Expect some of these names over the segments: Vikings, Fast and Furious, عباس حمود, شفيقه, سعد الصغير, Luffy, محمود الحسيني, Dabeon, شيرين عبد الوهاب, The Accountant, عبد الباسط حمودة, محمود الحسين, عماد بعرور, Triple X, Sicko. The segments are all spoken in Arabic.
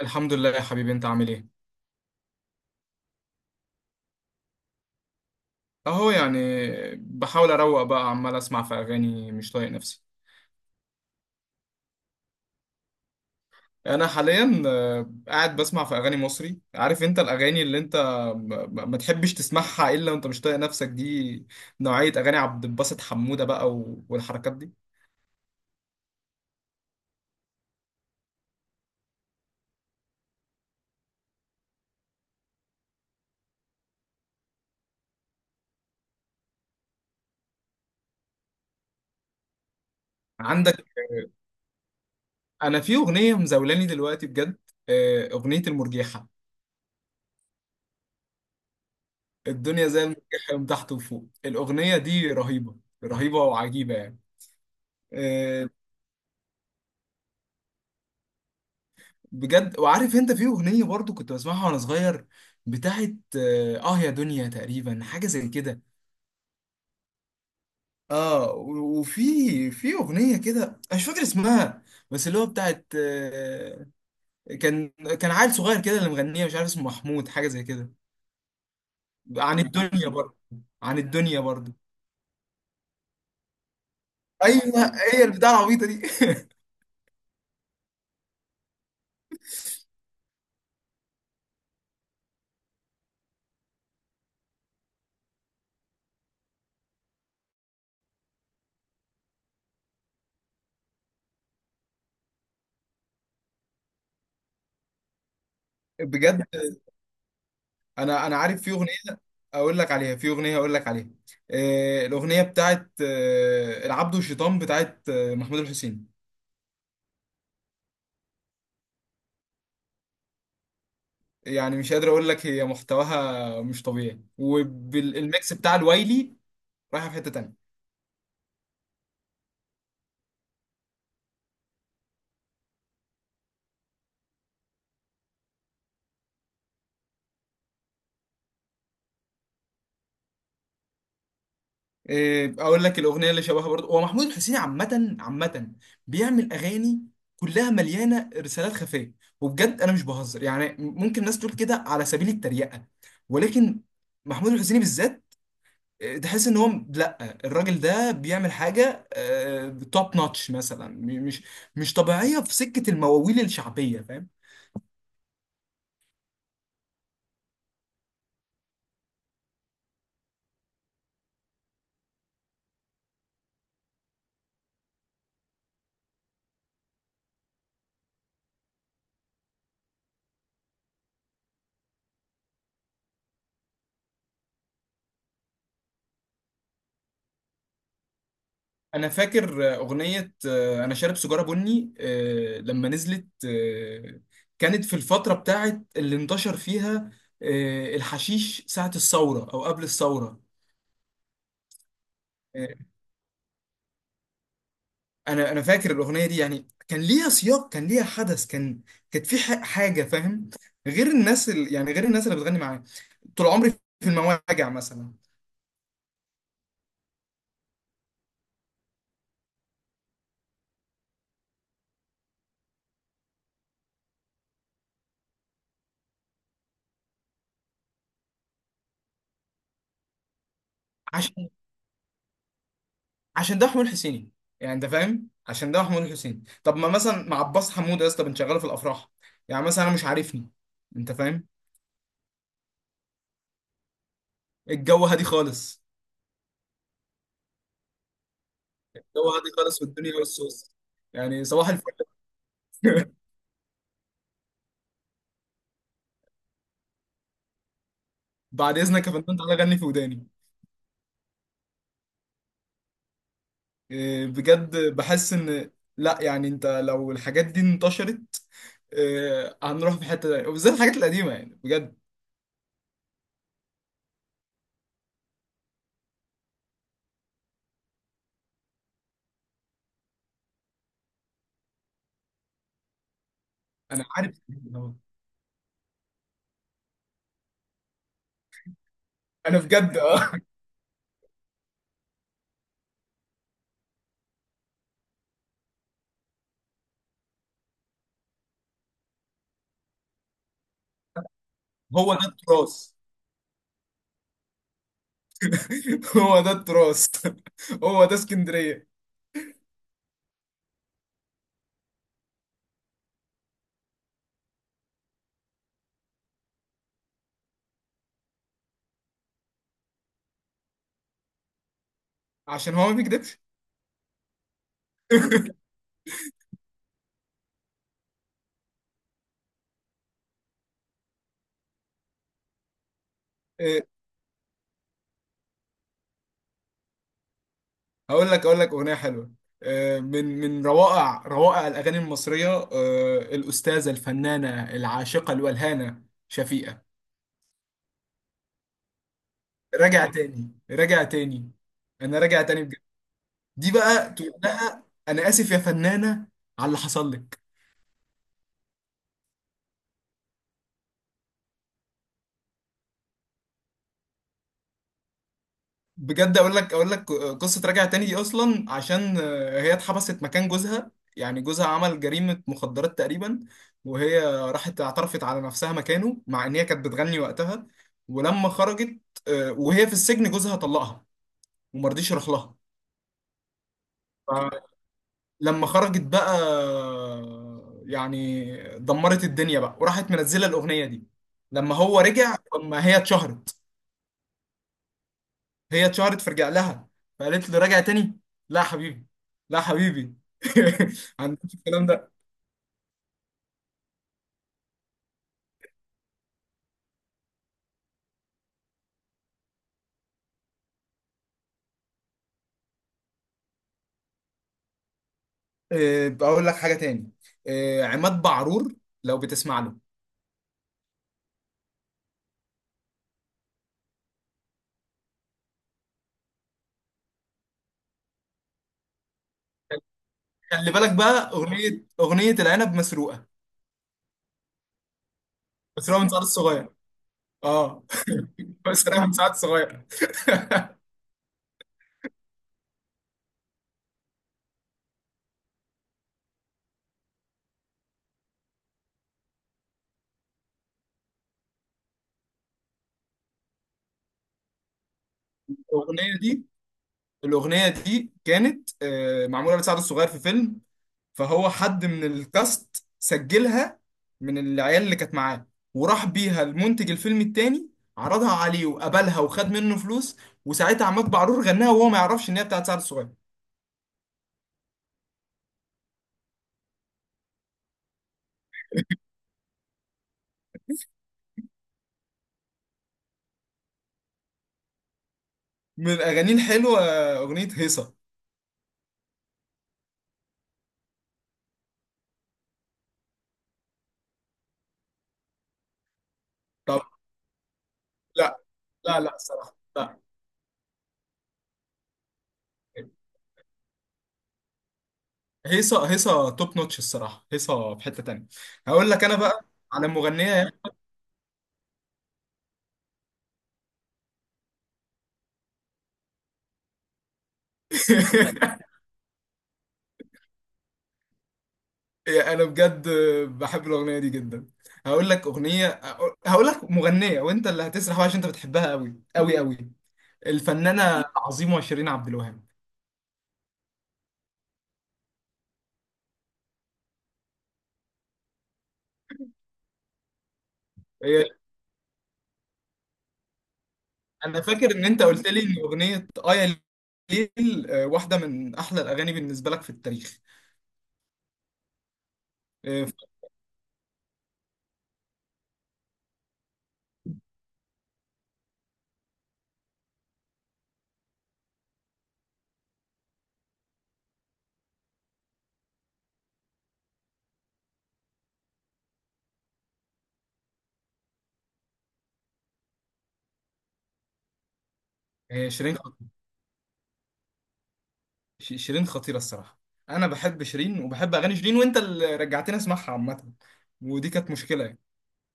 الحمد لله يا حبيبي، انت عامل ايه؟ اهو يعني. بحاول اروق بقى، عمال اسمع في اغاني، مش طايق نفسي. انا حاليا قاعد بسمع في اغاني مصري. عارف انت الاغاني اللي انت ما تحبش تسمعها الا وانت مش طايق نفسك دي؟ نوعية اغاني عبد الباسط حمودة بقى والحركات دي. عندك، انا في اغنية مزولاني دلوقتي بجد. اغنية المرجيحة. الدنيا زي المرجيحة من تحت وفوق، الاغنية دي رهيبة. رهيبة وعجيبة يعني. آه، بجد. وعارف انت في اغنيه برضو كنت بسمعها وانا صغير، بتاعت يا دنيا تقريبا، حاجه زي كده. وفي اغنيه كده أنا مش فاكر اسمها، بس اللي هو بتاعت كان كان عيل صغير كده اللي مغنيه، مش عارف اسمه محمود، حاجه زي كده، عن الدنيا برضو. عن الدنيا برضو، ايوه، هي البتاع العبيطه دي. بجد، انا عارف في اغنيه اقول لك عليها، في اغنيه اقول لك عليها. الاغنيه بتاعت العبد والشيطان، بتاعت محمود الحسين. يعني مش قادر اقول لك، هي محتواها مش طبيعي، والميكس بتاع الوايلي رايحه في حته تانيه. إيه، اقول لك الاغنيه اللي شبهها برضه، هو محمود الحسيني عامه عامه بيعمل اغاني كلها مليانه رسالات خفيه. وبجد انا مش بهزر، يعني ممكن ناس تقول كده على سبيل التريقه، ولكن محمود الحسيني بالذات، إيه، تحس ان هو، لا، الراجل ده بيعمل حاجه توب نوتش مثلا، مش طبيعيه في سكه المواويل الشعبيه، فاهم؟ انا فاكر اغنيه انا شارب سيجاره بني، لما نزلت، كانت في الفتره بتاعت اللي انتشر فيها الحشيش، ساعه الثوره او قبل الثوره. آه، انا فاكر الاغنيه دي، يعني كان ليها سياق، كان ليها حدث، كانت في حاجه، فاهم؟ غير الناس يعني غير الناس اللي بتغني معاه طول عمري، في المواجع مثلا. عشان ده حمود حسيني، يعني انت فاهم، عشان ده حمود حسيني. طب ما مثلا مع عباس حمود يا اسطى، بنشغله في الافراح، يعني مثلا، انا مش عارفني، انت فاهم؟ الجو هادي خالص، الجو هادي خالص والدنيا والصوص، يعني صباح الفل. بعد اذنك يا فندم، تعالى غني في وداني. إيه، بجد بحس ان، لا، يعني انت لو الحاجات دي انتشرت، إيه، هنروح في حته تانية، وبالذات الحاجات القديمه، يعني بجد. انا عارف. انا بجد. اه هو ده التراث. هو ده التراث. هو ده اسكندريه. عشان هو ما بيكدبش. آه، هقول لك اغنيه حلوه، من روائع روائع الاغاني المصريه، الاستاذه الفنانه العاشقه الولهانه شفيقه. راجع تاني، راجع تاني. انا راجع تاني بجد. دي بقى تقول لها انا اسف يا فنانه على اللي حصل لك. بجد، اقول لك قصه راجع تاني دي. اصلا عشان هي اتحبست مكان جوزها، يعني جوزها عمل جريمه مخدرات تقريبا، وهي راحت اعترفت على نفسها مكانه، مع ان هي كانت بتغني وقتها. ولما خرجت، وهي في السجن، جوزها طلقها ومرضيش يروح لها. فلما خرجت بقى، يعني دمرت الدنيا بقى، وراحت منزله الاغنيه دي. لما هو رجع، لما هي اتشهرت، هي اتشهرت فرجع لها، فقالت له: راجع تاني؟ لا حبيبي، لا حبيبي. عندك الكلام ده. بقول لك حاجه تاني. عماد بعرور، لو بتسمع له. خلي بالك بقى، اغنيه العنب مسروقه. مسروقه من سعد الصغير. اه. مسروقه من سعد الصغير. الاغنيه دي الاغنيه دي كانت معموله لسعد الصغير في فيلم، فهو حد من الكاست سجلها، من العيال اللي كانت معاه، وراح بيها المنتج الفيلم التاني، عرضها عليه وقبلها، وخد منه فلوس. وساعتها عماد بعرور غناها وهو ما يعرفش ان هي بتاعت سعد الصغير. من الاغاني الحلوه، اغنيه هيصه. طب لا، لا، لا، الصراحه لا. هيصه، هيصه توب نوتش الصراحه، هيصه في حته تانيه. هقول لك انا بقى على مغنيه. يا، انا بجد بحب الاغنيه دي جدا. هقول لك اغنيه، هقول لك مغنيه، وانت اللي هتسرح بقى عشان انت بتحبها قوي قوي قوي: الفنانه عظيمه شيرين عبد الوهاب. هي- انا فاكر ان انت قلت لي ان اغنيه يا ليل، واحده من احلى الاغاني بالنسبه لك في التاريخ. آه، ف- هي شيرين خطيرة. شيرين خطيره الصراحه. انا بحب شيرين وبحب اغاني شيرين، وانت اللي رجعتني اسمعها عامه، ودي كانت مشكله يعني.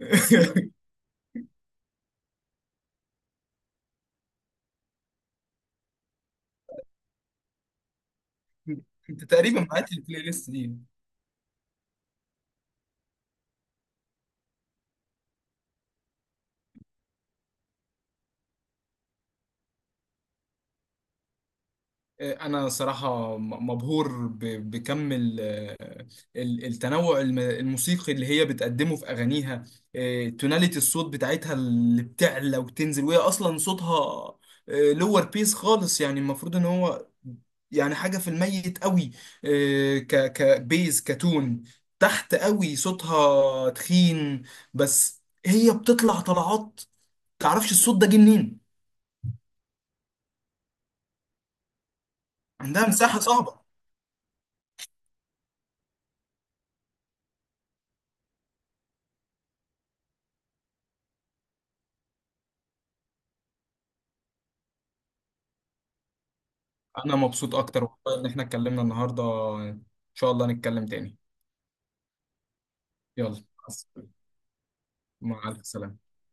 انت تقريبا بعت لي البلاي ليست دي. انا صراحه مبهور بكم التنوع الموسيقي اللي هي بتقدمه في اغانيها. إيه، توناليتي الصوت بتاعتها اللي بتعلى وتنزل، وهي اصلا صوتها لور بيس خالص، يعني المفروض ان هو يعني حاجه في الميت قوي. إيه، كبيز كتون، تحت قوي، صوتها تخين، بس هي بتطلع طلعات، تعرفش الصوت ده جه منين. عندها مساحه صعبه. انا مبسوط اكتر والله ان احنا اتكلمنا النهارده. ان شاء الله نتكلم تاني. يلا، مع السلامة. مع الف سلامة.